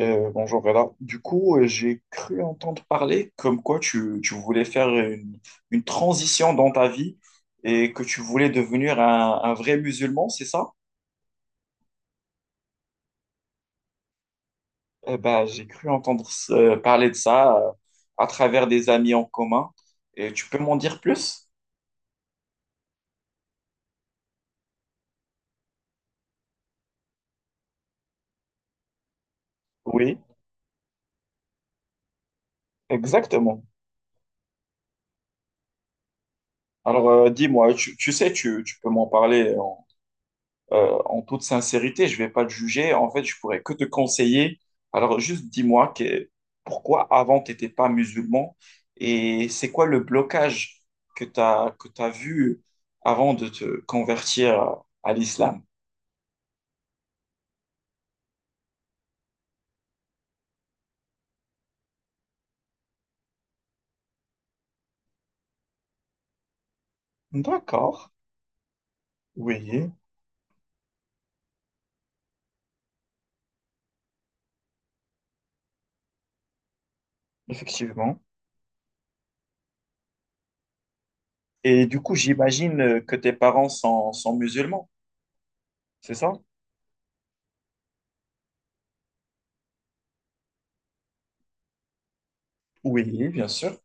Bonjour Reda. Du coup, j'ai cru entendre parler comme quoi tu voulais faire une transition dans ta vie et que tu voulais devenir un vrai musulman, c'est ça? Eh ben, j'ai cru entendre parler de ça à travers des amis en commun. Et tu peux m'en dire plus? Oui, exactement. Alors, dis-moi, tu peux m'en parler. En toute sincérité, je ne vais pas te juger. En fait, je pourrais que te conseiller. Alors, juste dis-moi pourquoi avant, tu n'étais pas musulman et c'est quoi le blocage que tu as vu avant de te convertir à l'islam? D'accord, oui, effectivement. Et du coup, j'imagine que tes parents sont musulmans, c'est ça? Oui, bien sûr.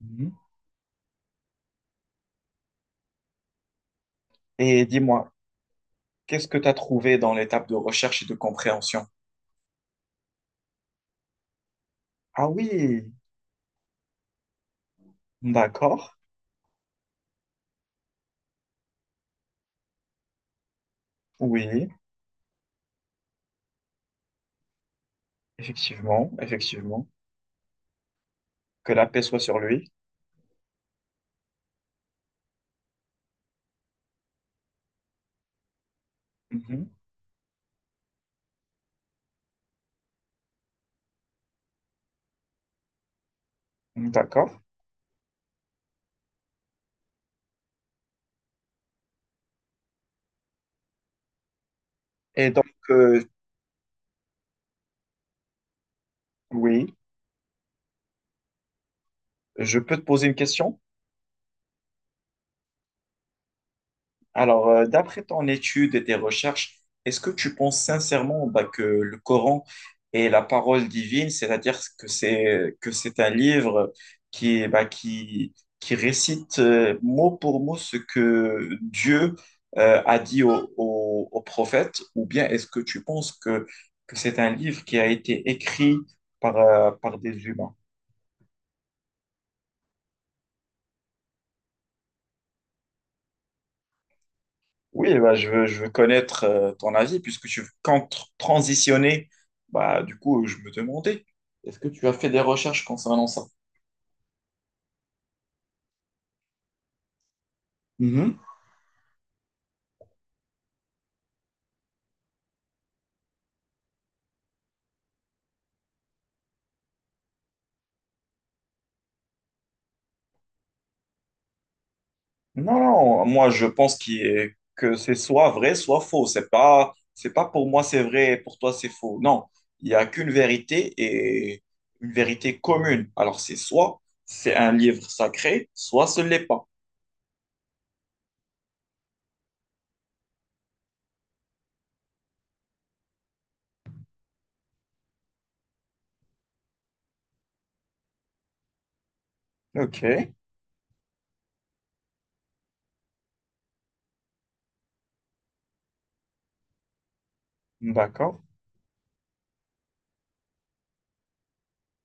Mhm. Et dis-moi, qu'est-ce que tu as trouvé dans l'étape de recherche et de compréhension? Ah oui, d'accord. Oui, effectivement, effectivement. Que la paix soit sur lui. Mhm. D'accord. Et donc, euh, oui, je peux te poser une question? Alors, d'après ton étude et tes recherches, est-ce que tu penses sincèrement bah, que le Coran est la parole divine, c'est-à-dire que c'est un livre qui bah, qui récite mot pour mot ce que Dieu a dit au prophète, ou bien est-ce que tu penses que c'est un livre qui a été écrit par par des humains? Oui, bah, je veux connaître ton avis puisque tu comptes transitionner. Bah, du coup, je me demandais, est-ce que tu as fait des recherches concernant ça? Mhm. Non, non, moi je pense que c'est soit vrai, soit faux. C'est pas pour moi c'est vrai et pour toi c'est faux. Non, il n'y a qu'une vérité et une vérité commune. Alors c'est soit c'est un livre sacré, soit ce l'est pas. Ok, d'accord.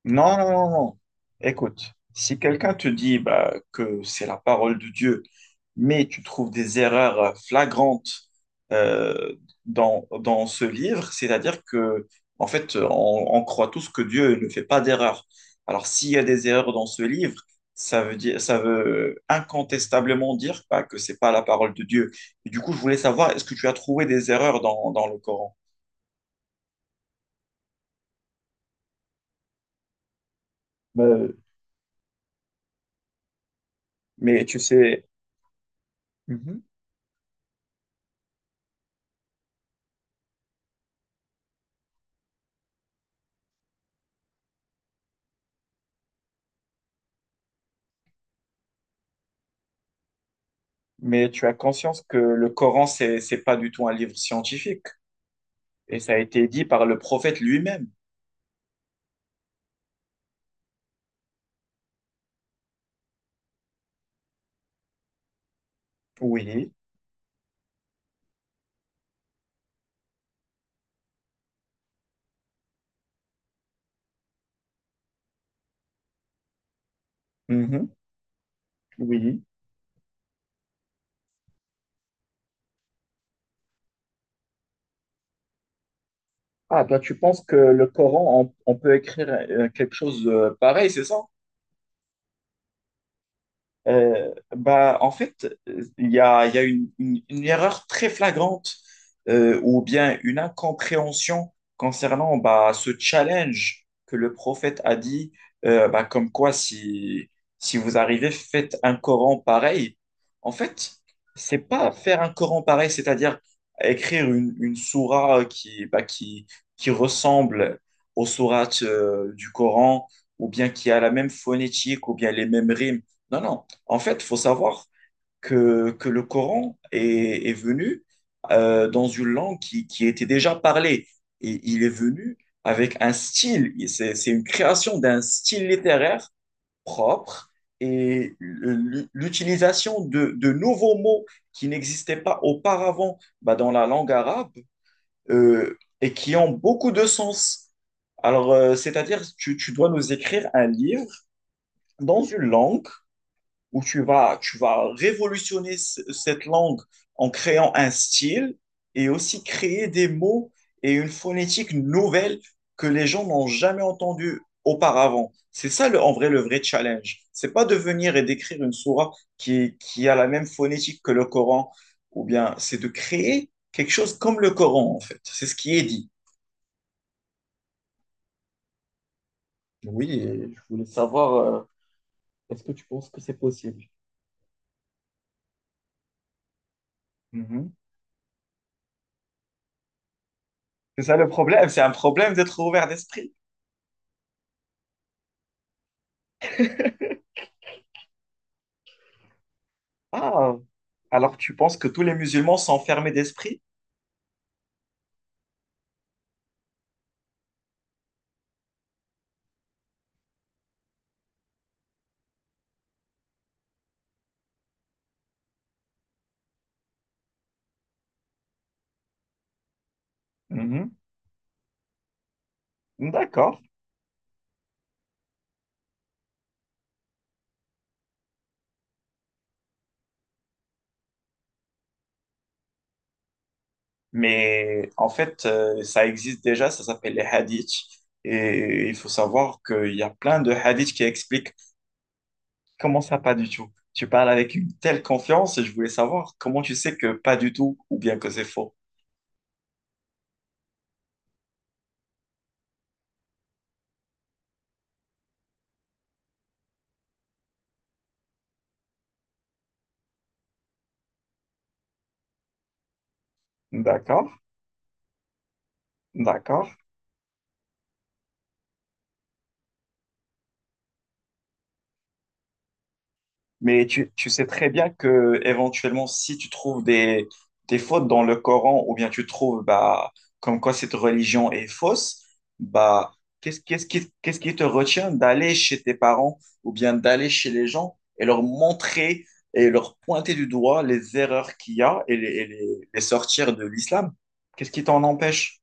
Non, non, non, non. Écoute, si quelqu'un te dit bah, que c'est la parole de Dieu, mais tu trouves des erreurs flagrantes euh, dans ce livre, c'est-à-dire que, en fait, on croit tous que Dieu ne fait pas d'erreurs. Alors, s'il y a des erreurs dans ce livre, ça veut dire, ça veut incontestablement dire bah, que c'est pas la parole de Dieu. Et du coup, je voulais savoir, est-ce que tu as trouvé des erreurs dans le Coran? Ben, mais tu sais. Mais tu as conscience que le Coran, c'est pas du tout un livre scientifique. Et ça a été dit par le prophète lui-même. Oui, mhm, oui. Ah, toi, tu penses que le Coran, on peut écrire quelque chose de pareil, c'est ça? En fait, il y a une erreur très flagrante ou bien une incompréhension concernant bah, ce challenge que le prophète a dit, bah, comme quoi si, si vous arrivez, faites un Coran pareil. En fait, c'est pas faire un Coran pareil, c'est-à-dire écrire une sourate qui, bah, qui ressemble aux sourates du Coran ou bien qui a la même phonétique ou bien les mêmes rimes. Non, non. En fait, il faut savoir que le Coran est venu dans une langue qui était déjà parlée. Et il est venu avec un style, c'est une création d'un style littéraire propre et l'utilisation de nouveaux mots qui n'existaient pas auparavant bah, dans la langue arabe et qui ont beaucoup de sens. Alors, c'est-à-dire, tu dois nous écrire un livre dans une langue où tu vas révolutionner cette langue en créant un style et aussi créer des mots et une phonétique nouvelle que les gens n'ont jamais entendu auparavant. C'est ça le, en vrai le vrai challenge. C'est pas de venir et d'écrire une sourate qui a la même phonétique que le Coran, ou bien c'est de créer quelque chose comme le Coran en fait. C'est ce qui est dit. Oui, et je voulais savoir, est-ce que tu penses que c'est possible? Mhm. C'est ça le problème, c'est un problème d'être ouvert d'esprit. Ah, alors tu penses que tous les musulmans sont fermés d'esprit? Mhm. D'accord. Mais en fait, ça existe déjà, ça s'appelle les hadiths. Et il faut savoir qu'il y a plein de hadiths qui expliquent. Comment ça, pas du tout? Tu parles avec une telle confiance et je voulais savoir comment tu sais que pas du tout ou bien que c'est faux. D'accord, d'accord. Mais tu sais très bien que éventuellement, si tu trouves des fautes dans le Coran ou bien tu trouves bah, comme quoi cette religion est fausse, bah, qu'est-ce qui te retient d'aller chez tes parents ou bien d'aller chez les gens et leur montrer et leur pointer du doigt les erreurs qu'il y a et les sortir de l'islam? Qu'est-ce qui t'en empêche?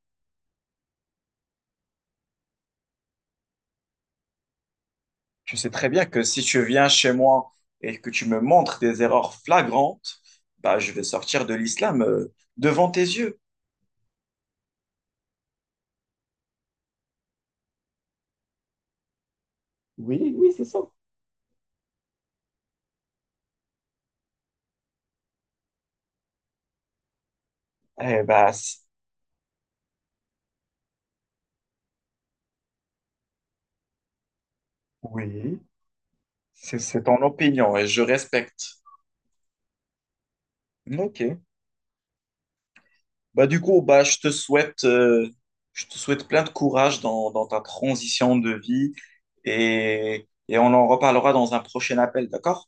Je sais très bien que si tu viens chez moi et que tu me montres des erreurs flagrantes, bah, je vais sortir de l'islam devant tes yeux. Oui, oui, c'est ça. Eh bah, c- oui, c'est ton opinion et je respecte. Ok. Bah, du coup, bah, je te souhaite plein de courage dans ta transition de vie et on en reparlera dans un prochain appel, d'accord?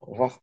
Au revoir.